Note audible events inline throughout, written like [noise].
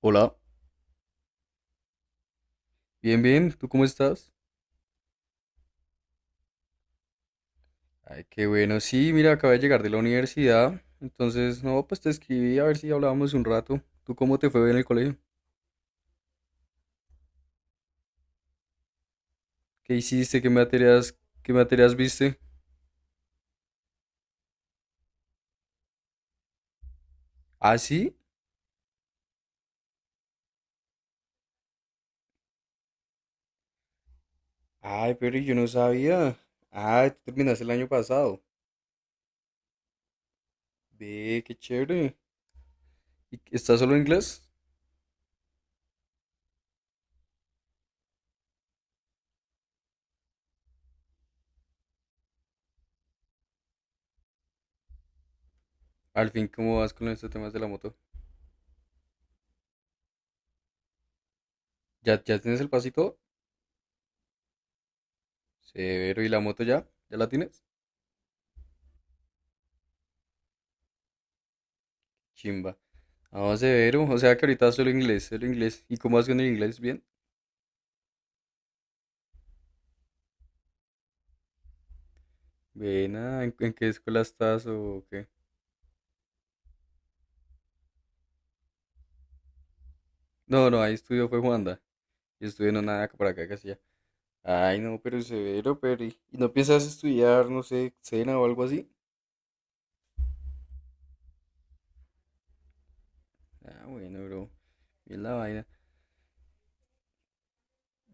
Hola, bien, bien, ¿tú cómo estás? Ay, qué bueno, sí, mira, acabé de llegar de la universidad, entonces, no, pues te escribí a ver si hablábamos un rato. ¿Tú cómo te fue en el colegio? ¿Qué hiciste? ¿Qué materias viste? ¿Ah, sí? Ay, pero yo no sabía. Ah, tú terminaste el año pasado. Ve, qué chévere. ¿ Estás solo en inglés? Al fin, ¿cómo vas con estos temas de la moto? ¿Ya tienes el pasito? Severo, ¿y la moto ya? ¿Ya la tienes? Chimba. Ah, severo. O sea que ahorita solo inglés, solo inglés. ¿Y cómo vas con el inglés? ¿Bien? Buena, ¿en qué escuela estás o qué? No, no, ahí estudió fue Juanda. Yo estudié en una por acá que hacía. Ay, no, pero severo, pero ¿y no piensas estudiar, no sé, cena o algo así? Ah, bueno, bro. Bien la vaina.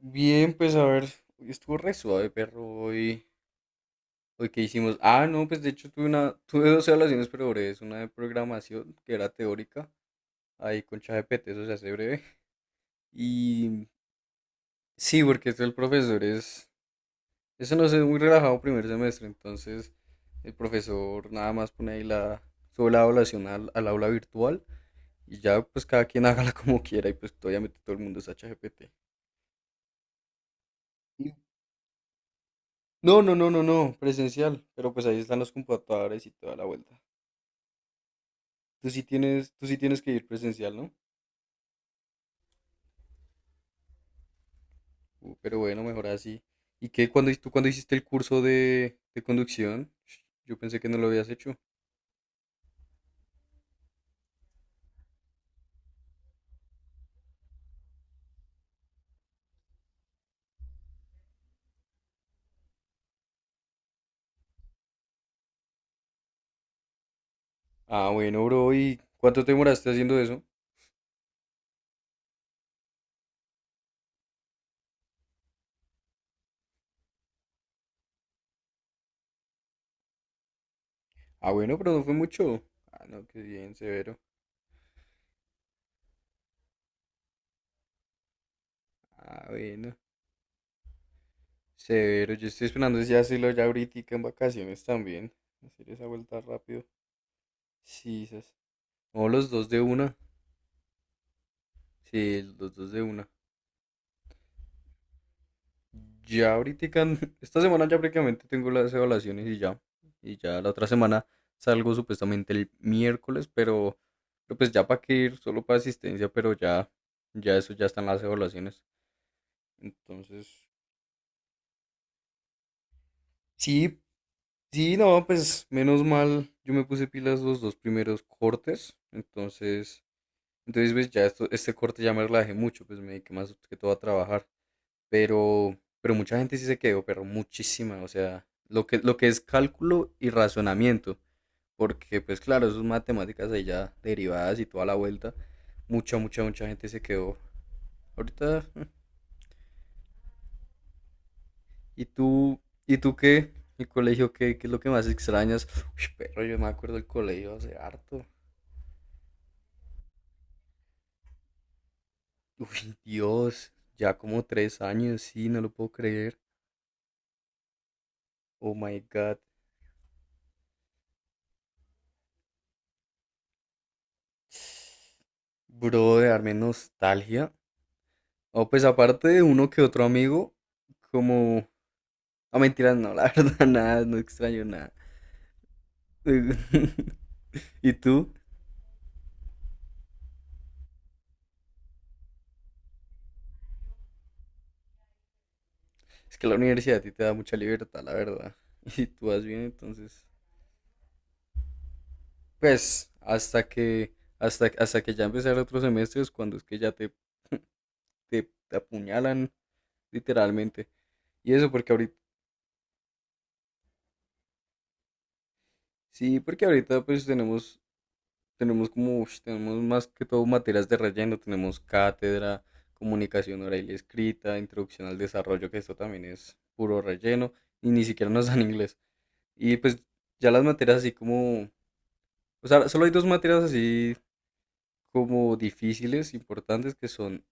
Bien, pues a ver, hoy estuvo re suave, perro, hoy. Hoy qué hicimos. Ah, no, pues de hecho tuve dos evaluaciones, pero breves, una de programación que era teórica, ahí con ChatGPT, eso se hace breve. Y sí, porque tú el profesor es, eso no es muy relajado primer semestre, entonces el profesor nada más sube la evaluación al aula virtual y ya pues cada quien [laughs] hágala como quiera y pues obviamente todo el mundo es ChatGPT. Y- no, no, no, no, no, presencial, pero pues ahí están los computadores y toda la vuelta. Tú sí tienes que ir presencial, ¿no? Pero bueno, mejor así. ¿Y qué cuando tú cuando hiciste el curso de conducción? Yo pensé que no lo habías hecho. Ah, bueno, bro, ¿y cuánto te demoraste haciendo eso? Ah, bueno, pero no fue mucho. Ah, no, qué bien, severo. Ah, bueno, severo. Yo estoy esperando ese hacerlo ya ahorita en vacaciones también. Hacer esa vuelta rápido. Sí, esas. No, los dos de una. Sí, los dos de una. Ya ahorita, [laughs] esta semana ya prácticamente tengo las evaluaciones y ya. Y ya la otra semana salgo supuestamente el miércoles, pero pues ya para que ir, solo para asistencia, pero ya, ya eso ya están las evaluaciones. Entonces, sí, sí, no, pues menos mal, yo me puse pilas los dos primeros cortes, entonces, entonces pues ya esto, este corte ya me relajé mucho, pues me dediqué más que todo a trabajar, pero mucha gente sí se quedó, pero muchísima, o sea, lo que es cálculo y razonamiento, porque pues claro, esas matemáticas ahí ya derivadas y toda la vuelta, mucha, mucha, mucha gente se quedó. Ahorita, mm, ¿y tú, y tú qué? ¿El colegio qué es lo que más extrañas? Uy, perro, yo me acuerdo del colegio hace harto. Uy, Dios, ya como 3 años, sí, no lo puedo creer. Oh my God, bro, de darme nostalgia. O pues aparte de uno que otro amigo, como... Ah, mentiras, no, la [laughs] verdad, nada, no extraño nada. [laughs] ¿Y tú? Es que la universidad a ti te da mucha libertad, la verdad. [laughs] Y si tú vas bien, entonces... Pues hasta que ya empezar otros semestres, cuando es que ya [laughs] te apuñalan, literalmente. Y eso porque ahorita... Sí, porque ahorita pues tenemos como, ush, tenemos más que todo materias de relleno, tenemos cátedra, comunicación oral y escrita, introducción al desarrollo, que esto también es puro relleno, y ni siquiera nos [laughs] dan inglés. Y pues ya las materias así como, o sea, solo hay dos materias así como difíciles, importantes, que son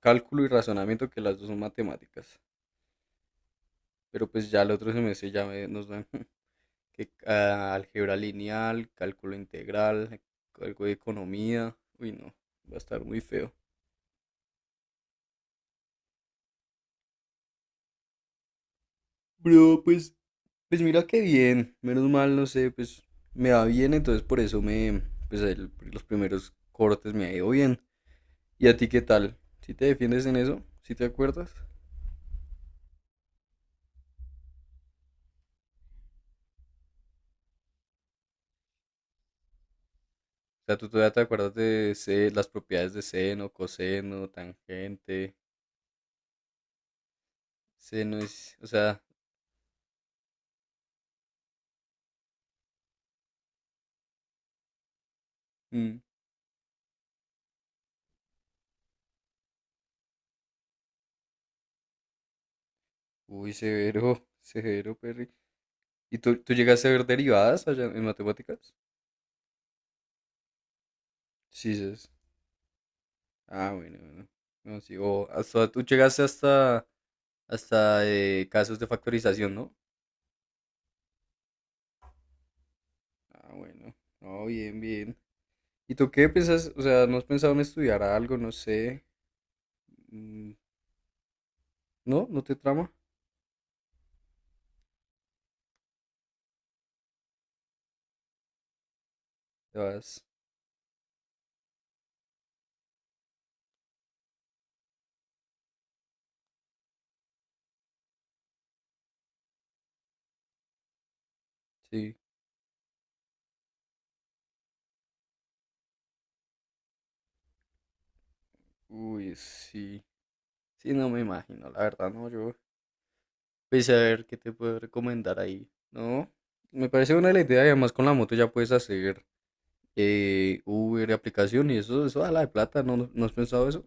cálculo y razonamiento, que las dos son matemáticas. Pero pues ya el otro semestre ya me- nos dan. [laughs] Que ah, álgebra lineal, cálculo integral, algo de economía. Uy, no, va a estar muy feo. Bro, pues mira qué bien. Menos mal, no sé, pues me va bien, entonces pues los primeros cortes me ha ido bien. ¿Y a ti qué tal? ¿Si te defiendes en eso? ¿Si te acuerdas? O sea, tú todavía te acuerdas de las propiedades de seno, coseno, tangente. Seno es, o sea, mm, uy, severo, severo, pero ¿y tú llegaste a ver derivadas allá en matemáticas? Sí, sí. Es- ah, bueno, bueno. No, sí, o hasta tú llegaste hasta casos de factorización, ¿no? Ah, bueno. No, bien, bien. ¿Y tú qué piensas? O sea, ¿no has pensado en estudiar algo? No sé. Mm, ¿no? ¿No te trama? Te vas. Sí. Uy, sí. Sí, no me imagino, la verdad, no, yo. Pues a ver qué te puedo recomendar ahí. No, me parece buena la idea y además con la moto ya puedes hacer Uber, aplicación y eso da la de plata, ¿no, no has pensado eso?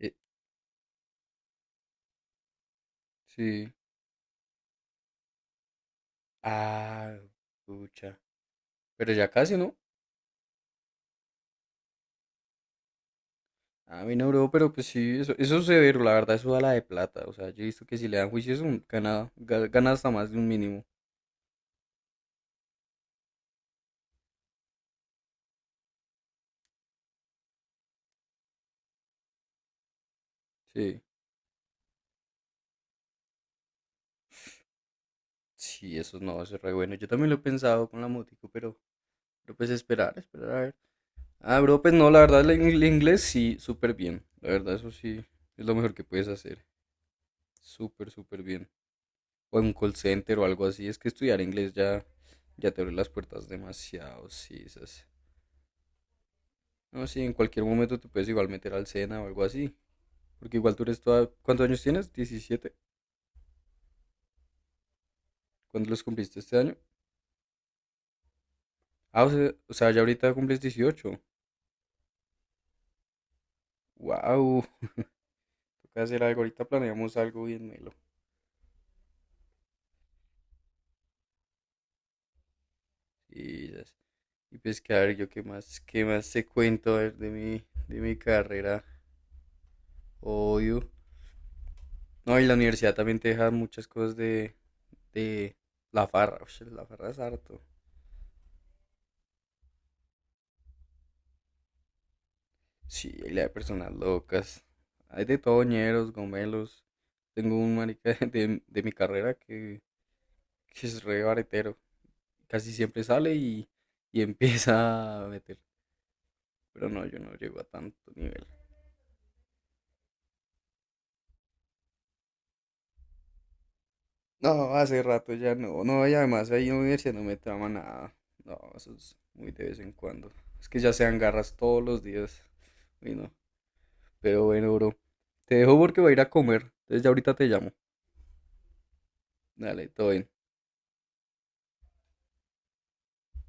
Eh, sí. Ah, pucha. Pero ya casi, ¿no? A mí no, bro, pero pues sí, eso es severo, la verdad, eso da la de plata. O sea, yo he visto que si le dan juicio, eso gana hasta más de un mínimo. Sí. Sí, eso no, eso es re bueno. Yo también lo he pensado con la motico, pero pues esperar a ver. Ah, bro, pues no, la verdad, el inglés sí, súper bien. La verdad, eso sí, es lo mejor que puedes hacer. Súper, súper bien. O en un call center o algo así. Es que estudiar inglés ya te abre las puertas demasiado, sí. Esas. No, sí, en cualquier momento te puedes igual meter al SENA o algo así. Porque igual tú eres toda... ¿Cuántos años tienes? 17. ¿Cuándo los cumpliste este año? Ah, o sea, ya ahorita cumples 18. ¡Wow! Toca hacer algo. Ahorita planeamos algo bien melo. Y, esas. Y pues que a ver, yo qué más te cuento a ver, de mi carrera. Obvio. No, y la universidad también te deja muchas cosas de la farra. Ush, la farra es harto. Sí, la de personas locas. Hay de toñeros, gomelos. Tengo un marica [laughs] de mi carrera que es re baretero. Casi siempre sale y empieza a meter. Pero no, yo no llego a tanto nivel. No, hace rato ya no. No, y además ahí en la universidad no me trama nada. No, eso es muy de vez en cuando. Es que ya sean garras todos los días. Uy, no. Pero bueno, bro. Te dejo porque voy a ir a comer. Entonces ya ahorita te llamo. Dale, todo bien.